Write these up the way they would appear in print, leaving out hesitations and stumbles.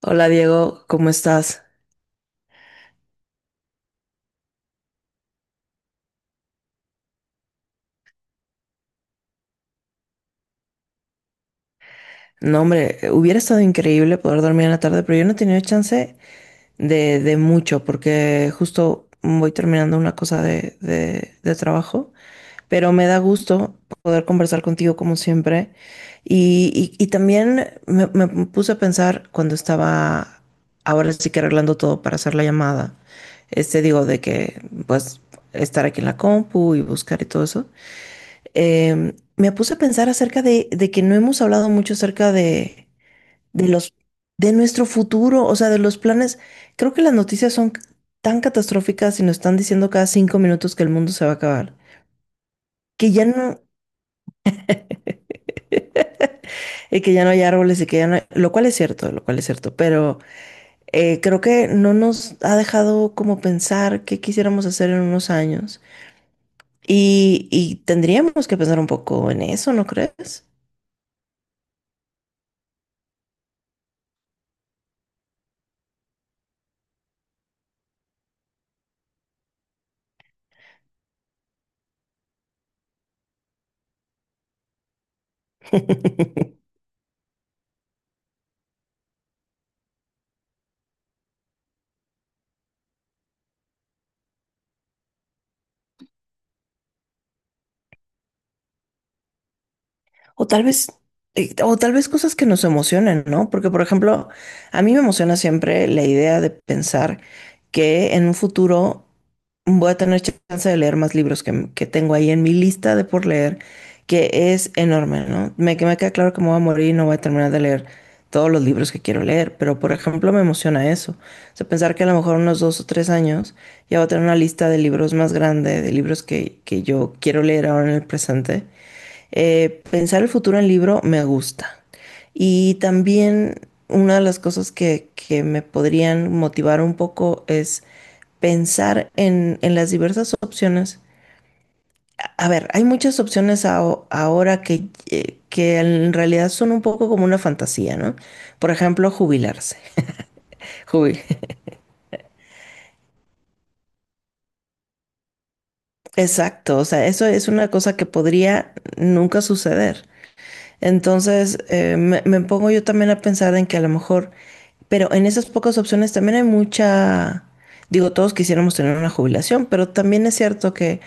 Hola Diego, ¿cómo estás? No, hombre, hubiera estado increíble poder dormir en la tarde, pero yo no he tenido chance de mucho porque justo voy terminando una cosa de trabajo, pero me da gusto poder conversar contigo como siempre. Y, y también me puse a pensar cuando estaba ahora sí que arreglando todo para hacer la llamada, este digo de que pues estar aquí en la compu y buscar y todo eso. Me puse a pensar acerca de que no hemos hablado mucho acerca de los, de nuestro futuro, o sea, de los planes. Creo que las noticias son tan catastróficas y nos están diciendo cada 5 minutos que el mundo se va a acabar, que ya no, que ya no hay árboles y que ya no hay- lo cual es cierto, lo cual es cierto, pero creo que no nos ha dejado como pensar qué quisiéramos hacer en unos años y tendríamos que pensar un poco en eso, ¿no crees? O tal vez, o tal vez cosas que nos emocionen, ¿no? Porque, por ejemplo, a mí me emociona siempre la idea de pensar que en un futuro voy a tener chance de leer más libros que tengo ahí en mi lista de por leer, que es enorme, ¿no? Que me queda claro que me voy a morir y no voy a terminar de leer todos los libros que quiero leer, pero, por ejemplo, me emociona eso. O sea, pensar que a lo mejor unos 2 o 3 años ya voy a tener una lista de libros más grande, de libros que yo quiero leer ahora en el presente. Pensar el futuro en libro me gusta. Y también una de las cosas que me podrían motivar un poco es pensar en las diversas opciones. A ver, hay muchas opciones ahora que en realidad son un poco como una fantasía, ¿no? Por ejemplo, jubilarse. Jubil- Exacto, o sea, eso es una cosa que podría nunca suceder. Entonces, me pongo yo también a pensar en que a lo mejor, pero en esas pocas opciones también hay mucha, digo, todos quisiéramos tener una jubilación, pero también es cierto que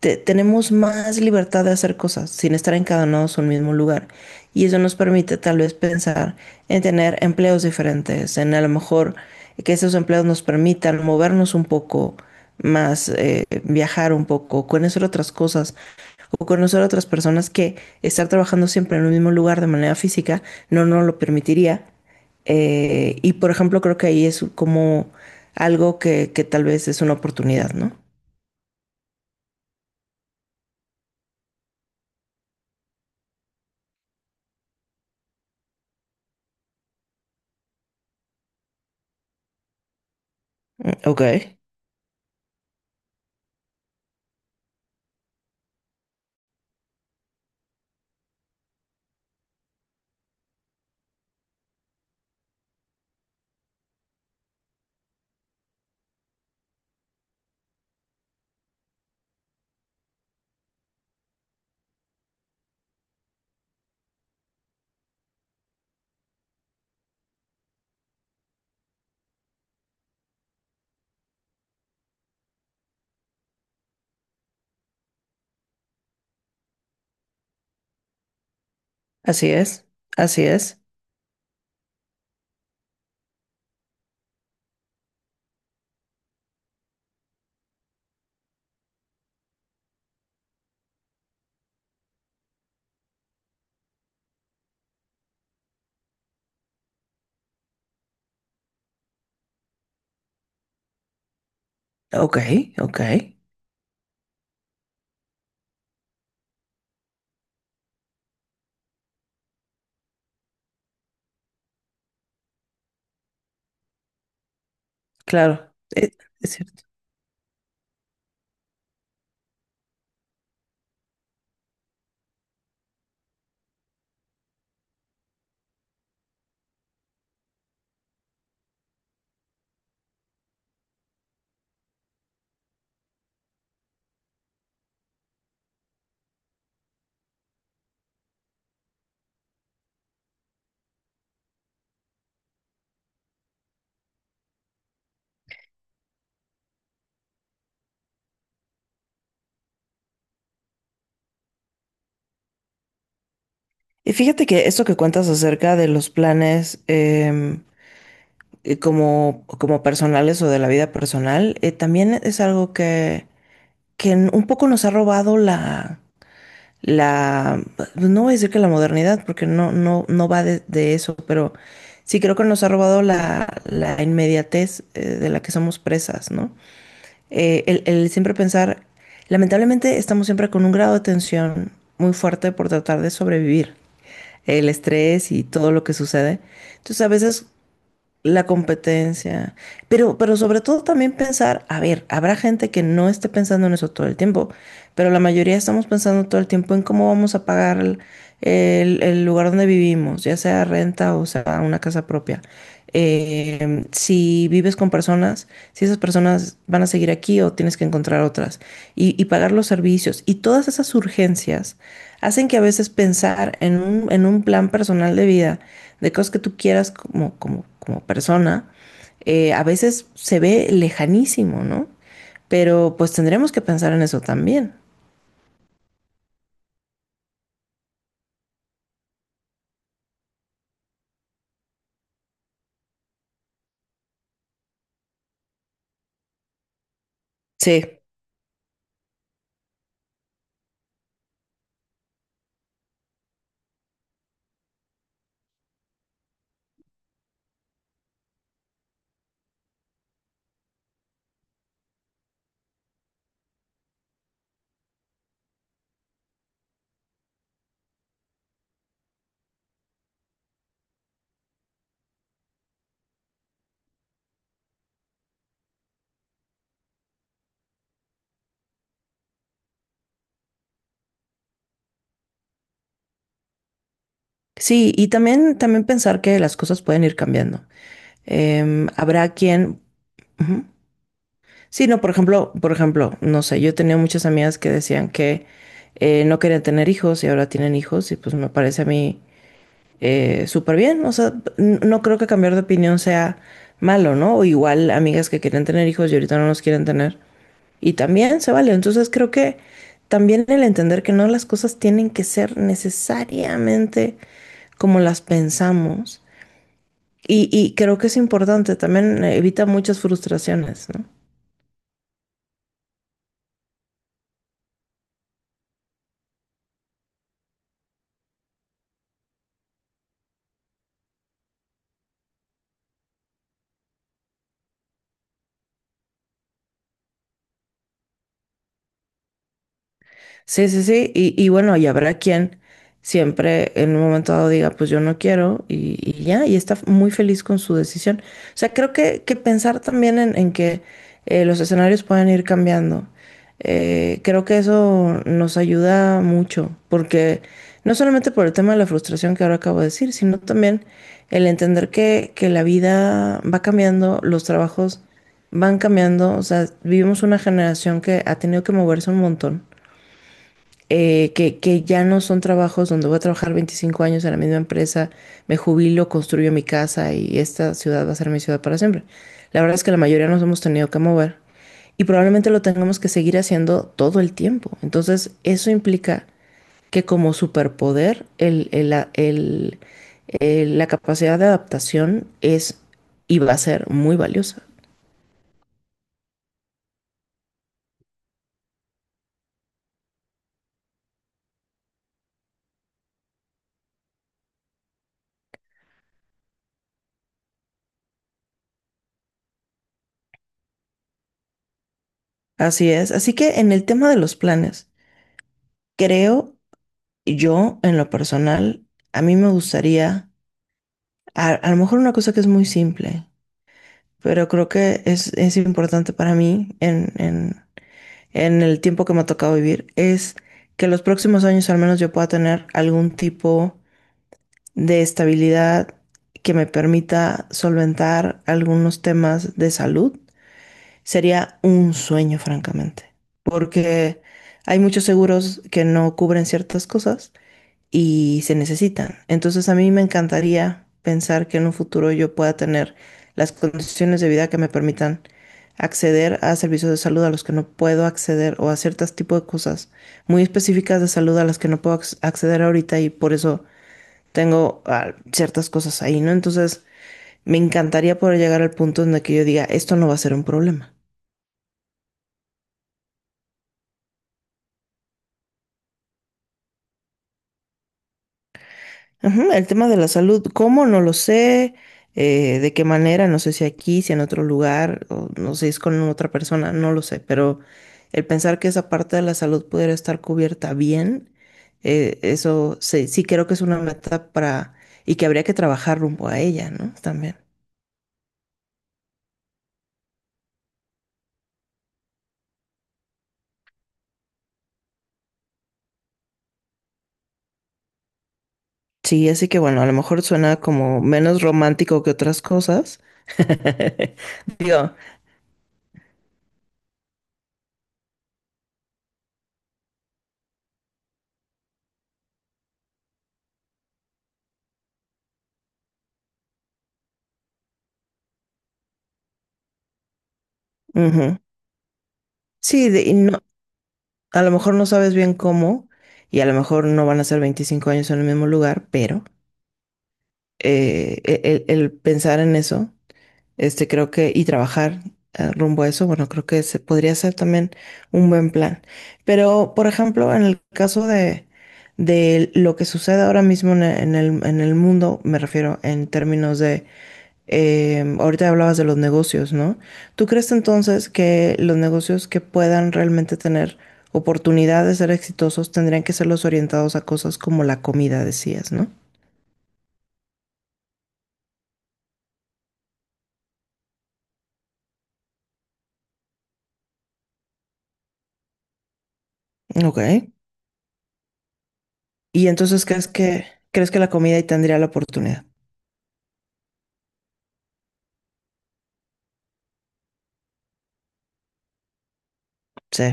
tenemos más libertad de hacer cosas sin estar encadenados a un mismo lugar. Y eso nos permite tal vez pensar en tener empleos diferentes, en a lo mejor que esos empleos nos permitan movernos un poco más, viajar un poco, conocer otras cosas o conocer a otras personas que estar trabajando siempre en un mismo lugar de manera física no nos lo permitiría. Y por ejemplo, creo que ahí es como algo que tal vez es una oportunidad, ¿no? Ok, así es, así es. Ok, ok, claro, es cierto. Y fíjate que esto que cuentas acerca de los planes, como, personales o de la vida personal, también es algo que un poco nos ha robado la, no voy a decir que la modernidad, porque no, no, no va de eso, pero sí creo que nos ha robado la, la inmediatez. Eh, de la que somos presas, ¿no? El siempre pensar, lamentablemente estamos siempre con un grado de tensión muy fuerte por tratar de sobrevivir, el estrés y todo lo que sucede. Entonces a veces la competencia. Pero sobre todo también pensar, a ver, habrá gente que no esté pensando en eso todo el tiempo, pero la mayoría estamos pensando todo el tiempo en cómo vamos a pagar el, el lugar donde vivimos, ya sea renta o sea una casa propia. Si vives con personas, si esas personas van a seguir aquí o tienes que encontrar otras. Y pagar los servicios. Y todas esas urgencias hacen que a veces pensar en un plan personal de vida de cosas que tú quieras como, como persona, a veces se ve lejanísimo, ¿no? Pero pues tendremos que pensar en eso también. Sí, sí, y también, también pensar que las cosas pueden ir cambiando. Habrá quien... Ujú. Sí, no, por ejemplo, no sé, yo tenía muchas amigas que decían que no querían tener hijos y ahora tienen hijos y pues me parece a mí súper bien. O sea, no creo que cambiar de opinión sea malo, ¿no? O igual amigas que querían tener hijos y ahorita no los quieren tener. Y también se vale. Entonces creo que también el entender que no las cosas tienen que ser necesariamente como las pensamos. Y creo que es importante, también evita muchas frustraciones, ¿no? Sí, sí, sí. Y bueno, y habrá quien siempre en un momento dado diga, pues yo no quiero y ya, y está muy feliz con su decisión. O sea, creo que pensar también en que los escenarios pueden ir cambiando. Creo que eso nos ayuda mucho, porque no solamente por el tema de la frustración que ahora acabo de decir, sino también el entender que la vida va cambiando, los trabajos van cambiando, o sea, vivimos una generación que ha tenido que moverse un montón. Que ya no son trabajos donde voy a trabajar 25 años en la misma empresa, me jubilo, construyo mi casa y esta ciudad va a ser mi ciudad para siempre. La verdad es que la mayoría nos hemos tenido que mover y probablemente lo tengamos que seguir haciendo todo el tiempo. Entonces, eso implica que como superpoder, el, la capacidad de adaptación es y va a ser muy valiosa. Así es. Así que en el tema de los planes, creo. Yo, en lo personal, a mí me gustaría, a lo mejor una cosa que es muy simple, pero creo que es importante para mí en, en el tiempo que me ha tocado vivir, es que los próximos años al menos yo pueda tener algún tipo de estabilidad que me permita solventar algunos temas de salud. Sería un sueño, francamente, porque hay muchos seguros que no cubren ciertas cosas y se necesitan. Entonces a mí me encantaría pensar que en un futuro yo pueda tener las condiciones de vida que me permitan acceder a servicios de salud a los que no puedo acceder o a ciertos tipos de cosas muy específicas de salud a las que no puedo acceder ahorita y por eso tengo ciertas cosas ahí, ¿no? Entonces me encantaría poder llegar al punto en el que yo diga, esto no va a ser un problema. Ujú, el tema de la salud, ¿cómo? No lo sé, de qué manera, no sé si aquí, si en otro lugar, o no sé si es con otra persona, no lo sé, pero el pensar que esa parte de la salud pudiera estar cubierta bien, eso sí, sí creo que es una meta para, y que habría que trabajar rumbo a ella, ¿no? También. Sí, así que bueno, a lo mejor suena como menos romántico que otras cosas. Digo, ujú. Sí, y no, a lo mejor no sabes bien cómo y a lo mejor no van a ser 25 años en el mismo lugar, pero el pensar en eso, este creo que y trabajar rumbo a eso, bueno, creo que se podría ser también un buen plan. Pero, por ejemplo, en el caso de lo que sucede ahora mismo en el, en el mundo, me refiero en términos de. Ahorita hablabas de los negocios, ¿no? ¿Tú crees entonces que los negocios que puedan realmente tener oportunidad de ser exitosos tendrían que ser los orientados a cosas como la comida, decías, ¿no? Ok. Y entonces crees que la comida ahí tendría la oportunidad. Sí.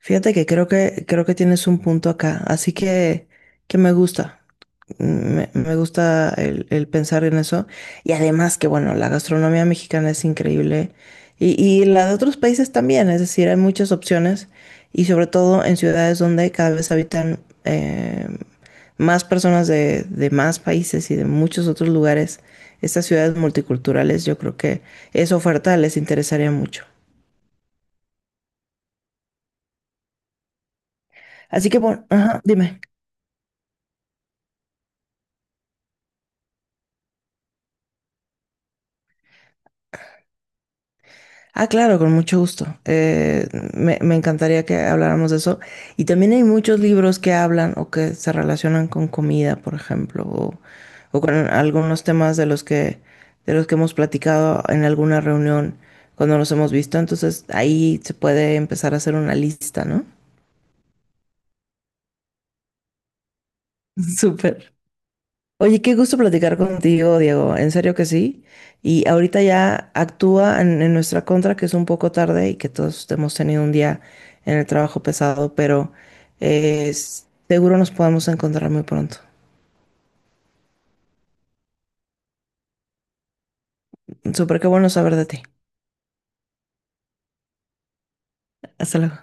Fíjate que creo que tienes un punto acá, así que me gusta. Me gusta el pensar en eso. Y además que, bueno, la gastronomía mexicana es increíble. Y la de otros países también. Es decir, hay muchas opciones. Y sobre todo en ciudades donde cada vez habitan eh, más personas de más países y de muchos otros lugares. Estas ciudades multiculturales, yo creo que esa oferta les interesaría mucho. Así que, bueno, ajá, dime. Ah, claro, con mucho gusto. Me encantaría que habláramos de eso. Y también hay muchos libros que hablan o que se relacionan con comida, por ejemplo, o con algunos temas de los que hemos platicado en alguna reunión cuando nos hemos visto. Entonces ahí se puede empezar a hacer una lista, ¿no? Súper. Oye, qué gusto platicar contigo, Diego. En serio que sí. Y ahorita ya actúa en nuestra contra, que es un poco tarde y que todos hemos tenido un día en el trabajo pesado, pero seguro nos podemos encontrar muy pronto. Súper qué bueno saber de ti. Hasta luego.